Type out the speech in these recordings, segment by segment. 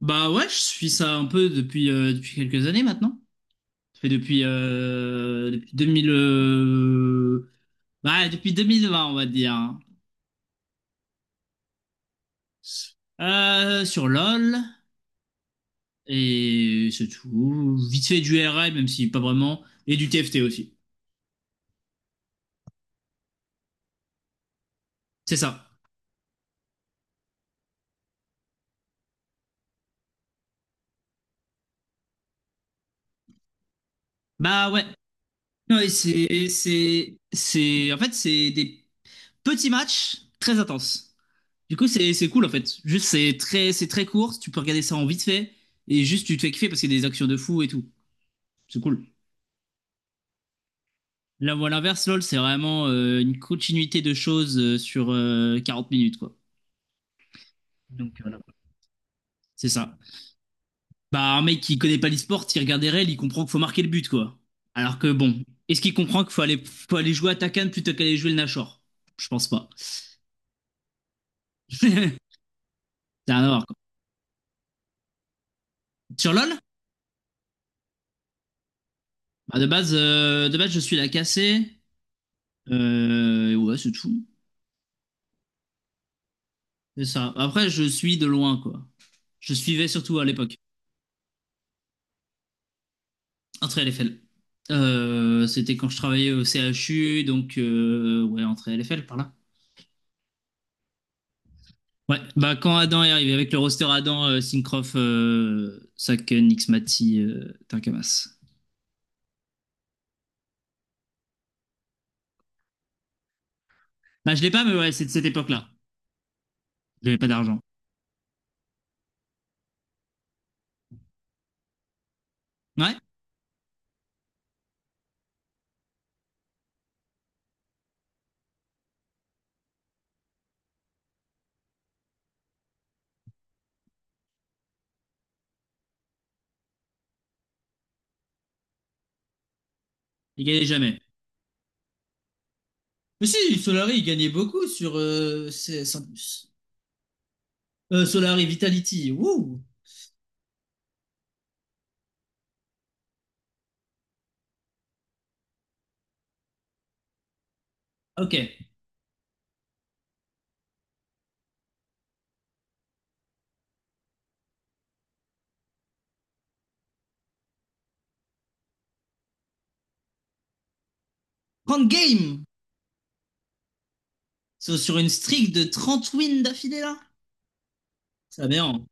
Bah ouais, je suis ça un peu depuis quelques années maintenant. Ça fait depuis deux mille vingt, on va dire, hein. Sur LoL, et c'est tout. Vite fait du RL même si pas vraiment. Et du TFT aussi. C'est ça. Bah ouais. Ouais, en fait, c'est des petits matchs très intenses. Du coup, c'est cool, en fait. Juste, c'est très court. Tu peux regarder ça en vite fait. Et juste, tu te fais kiffer parce qu'il y a des actions de fou et tout. C'est cool. La voie l'inverse, LOL, c'est vraiment une continuité de choses sur 40 minutes, quoi. Donc voilà, c'est ça. Bah, un mec qui connaît pas l'e-sport, il regarde des règles, il comprend qu'il faut marquer le but, quoi. Alors que bon, est-ce qu'il comprend qu'il faut aller jouer à Takan plutôt qu'aller jouer le Nashor. Je pense pas. C'est rien à quoi. Sur LOL, bah, de base, je suis la cassée. Et ouais, c'est tout. C'est ça. Après, je suis de loin, quoi. Je suivais surtout à l'époque. Entrée LFL. C'était quand je travaillais au CHU, donc ouais, entrée LFL par là. Ouais, bah quand Adam est arrivé avec le roster Adam, Syncroft, Saken, Xmati, Takamas. Bah je l'ai pas, mais ouais, c'est de cette époque-là. J'avais pas d'argent. Ouais, il gagnait jamais. Mais si, Solari, il gagnait beaucoup sur CS en plus. Solari Vitality, wouh! Ok. 30 games! Sur une streak de 30 wins d'affilée là? C'est aberrant.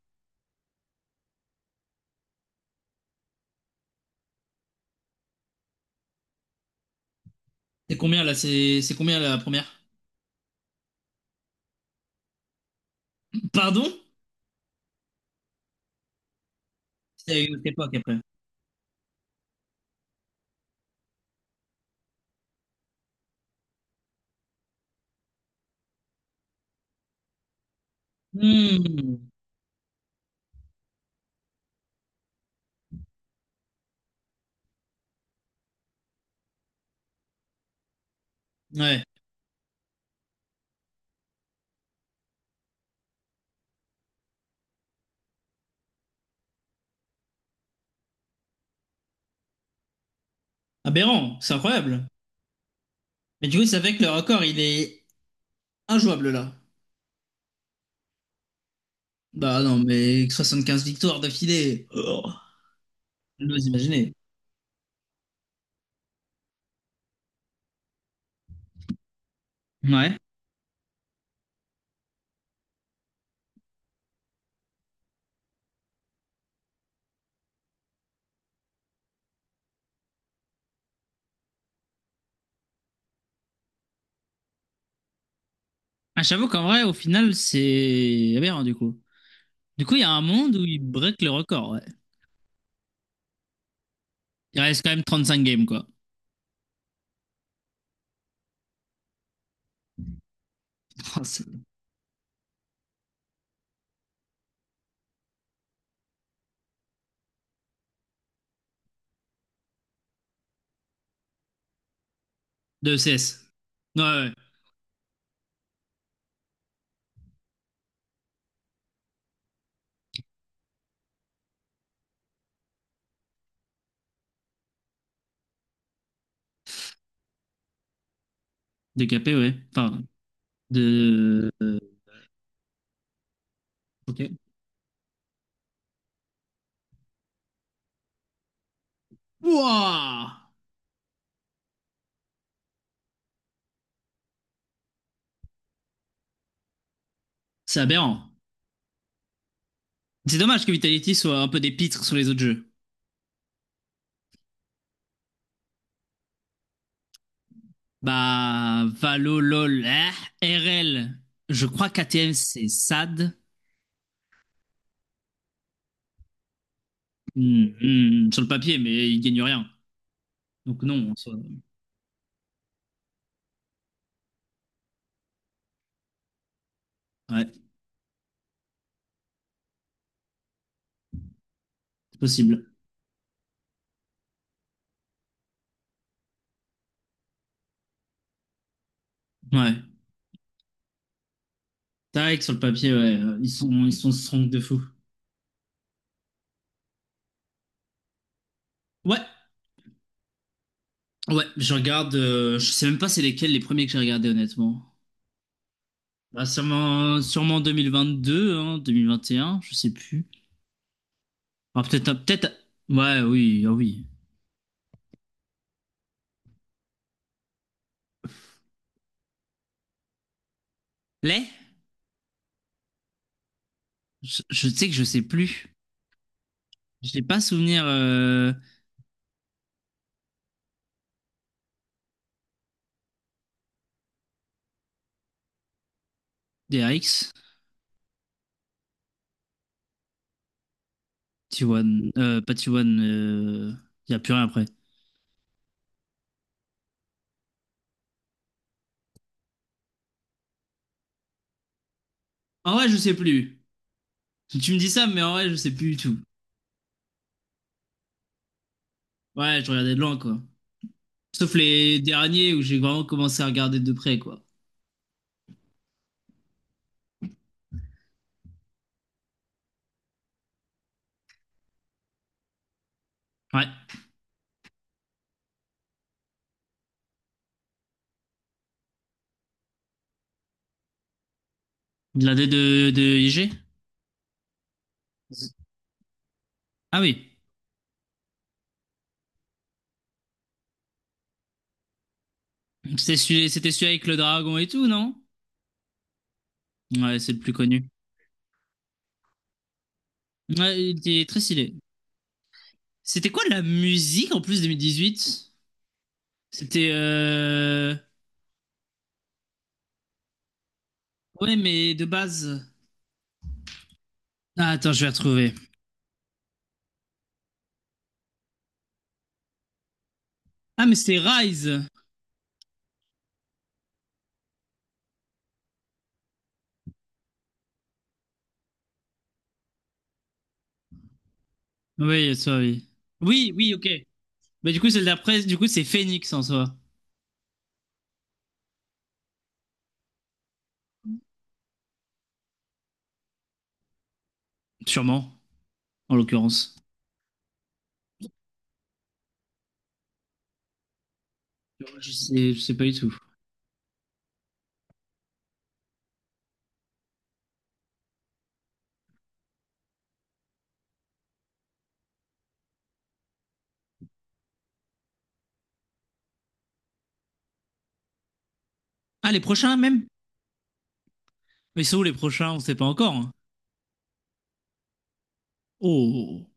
C'est combien là? C'est combien la première? Pardon? C'est une autre époque après. Hmm. Ouais. Aberrant, c'est incroyable. Mais du coup, ça fait que le record, il est injouable là. Bah non, mais 75 victoires d'affilée. Oh, j'ose imaginer. Ouais. Ah, j'avoue qu'en vrai, au final, c'est aberrant du coup. Du coup, il y a un monde où il break le record, ouais. Il reste quand même 35 games, quoi. Oh, de CS. Ouais, ouais, ouais. De KP, ouais. Enfin, de... Ok. Wouah! C'est aberrant. C'est dommage que Vitality soit un peu des pitres sur les autres jeux. Bah, Valo, LOL, eh, RL. Je crois qu'ATM, c'est SAD. Hmm, hmm, hmm, sur le papier, mais il gagne rien. Donc non, en soi. Ouais, c'est possible. Ouais. Tarek, sur le papier, ouais, ils sont strong de fou. Ouais, ouais, je regarde. Je sais même pas c'est lesquels les premiers que j'ai regardés, honnêtement. Bah, sûrement 2022, hein, 2021, je sais plus. Ah, peut-être, ah, peut-être. Ouais, oui, ah oui. Les? Je sais que je sais plus. Je n'ai pas souvenir. D R X, T1, pas T1, y a plus rien après. En vrai, je sais plus. Tu me dis ça, mais en vrai, je sais plus du tout. Ouais, je regardais de loin, quoi. Sauf les derniers où j'ai vraiment commencé à regarder de près, quoi. Ouais. La D de IG? Ah oui. C'était celui avec le dragon et tout, non? Ouais, c'est le plus connu. Ouais, il était très stylé. C'était quoi la musique en plus 2018? C'était. Ouais, mais de base. Ah, attends, je vais retrouver. Ah, mais c'était Rise. Oui, ça, oui. Oui, oui, ok. Bah, du coup, celle d'après, du coup, c'est Phoenix en soi. Sûrement, en l'occurrence. Je sais pas du tout. Ah, les prochains, même? Mais c'est où les prochains? On sait pas encore, hein. Oh, oh, oh.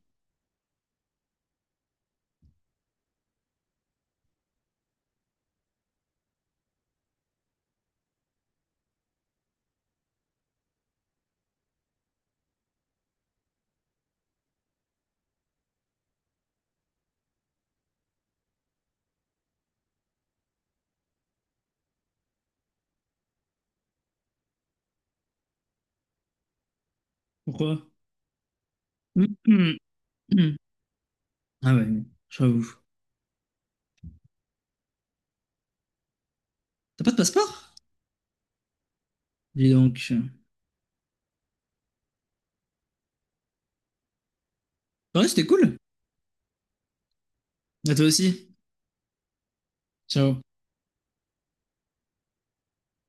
Pourquoi? Hum, hum, hum. Ah ouais, j'avoue. T'as pas de passeport? Dis donc. Ouais, c'était cool. À toi aussi. Ciao.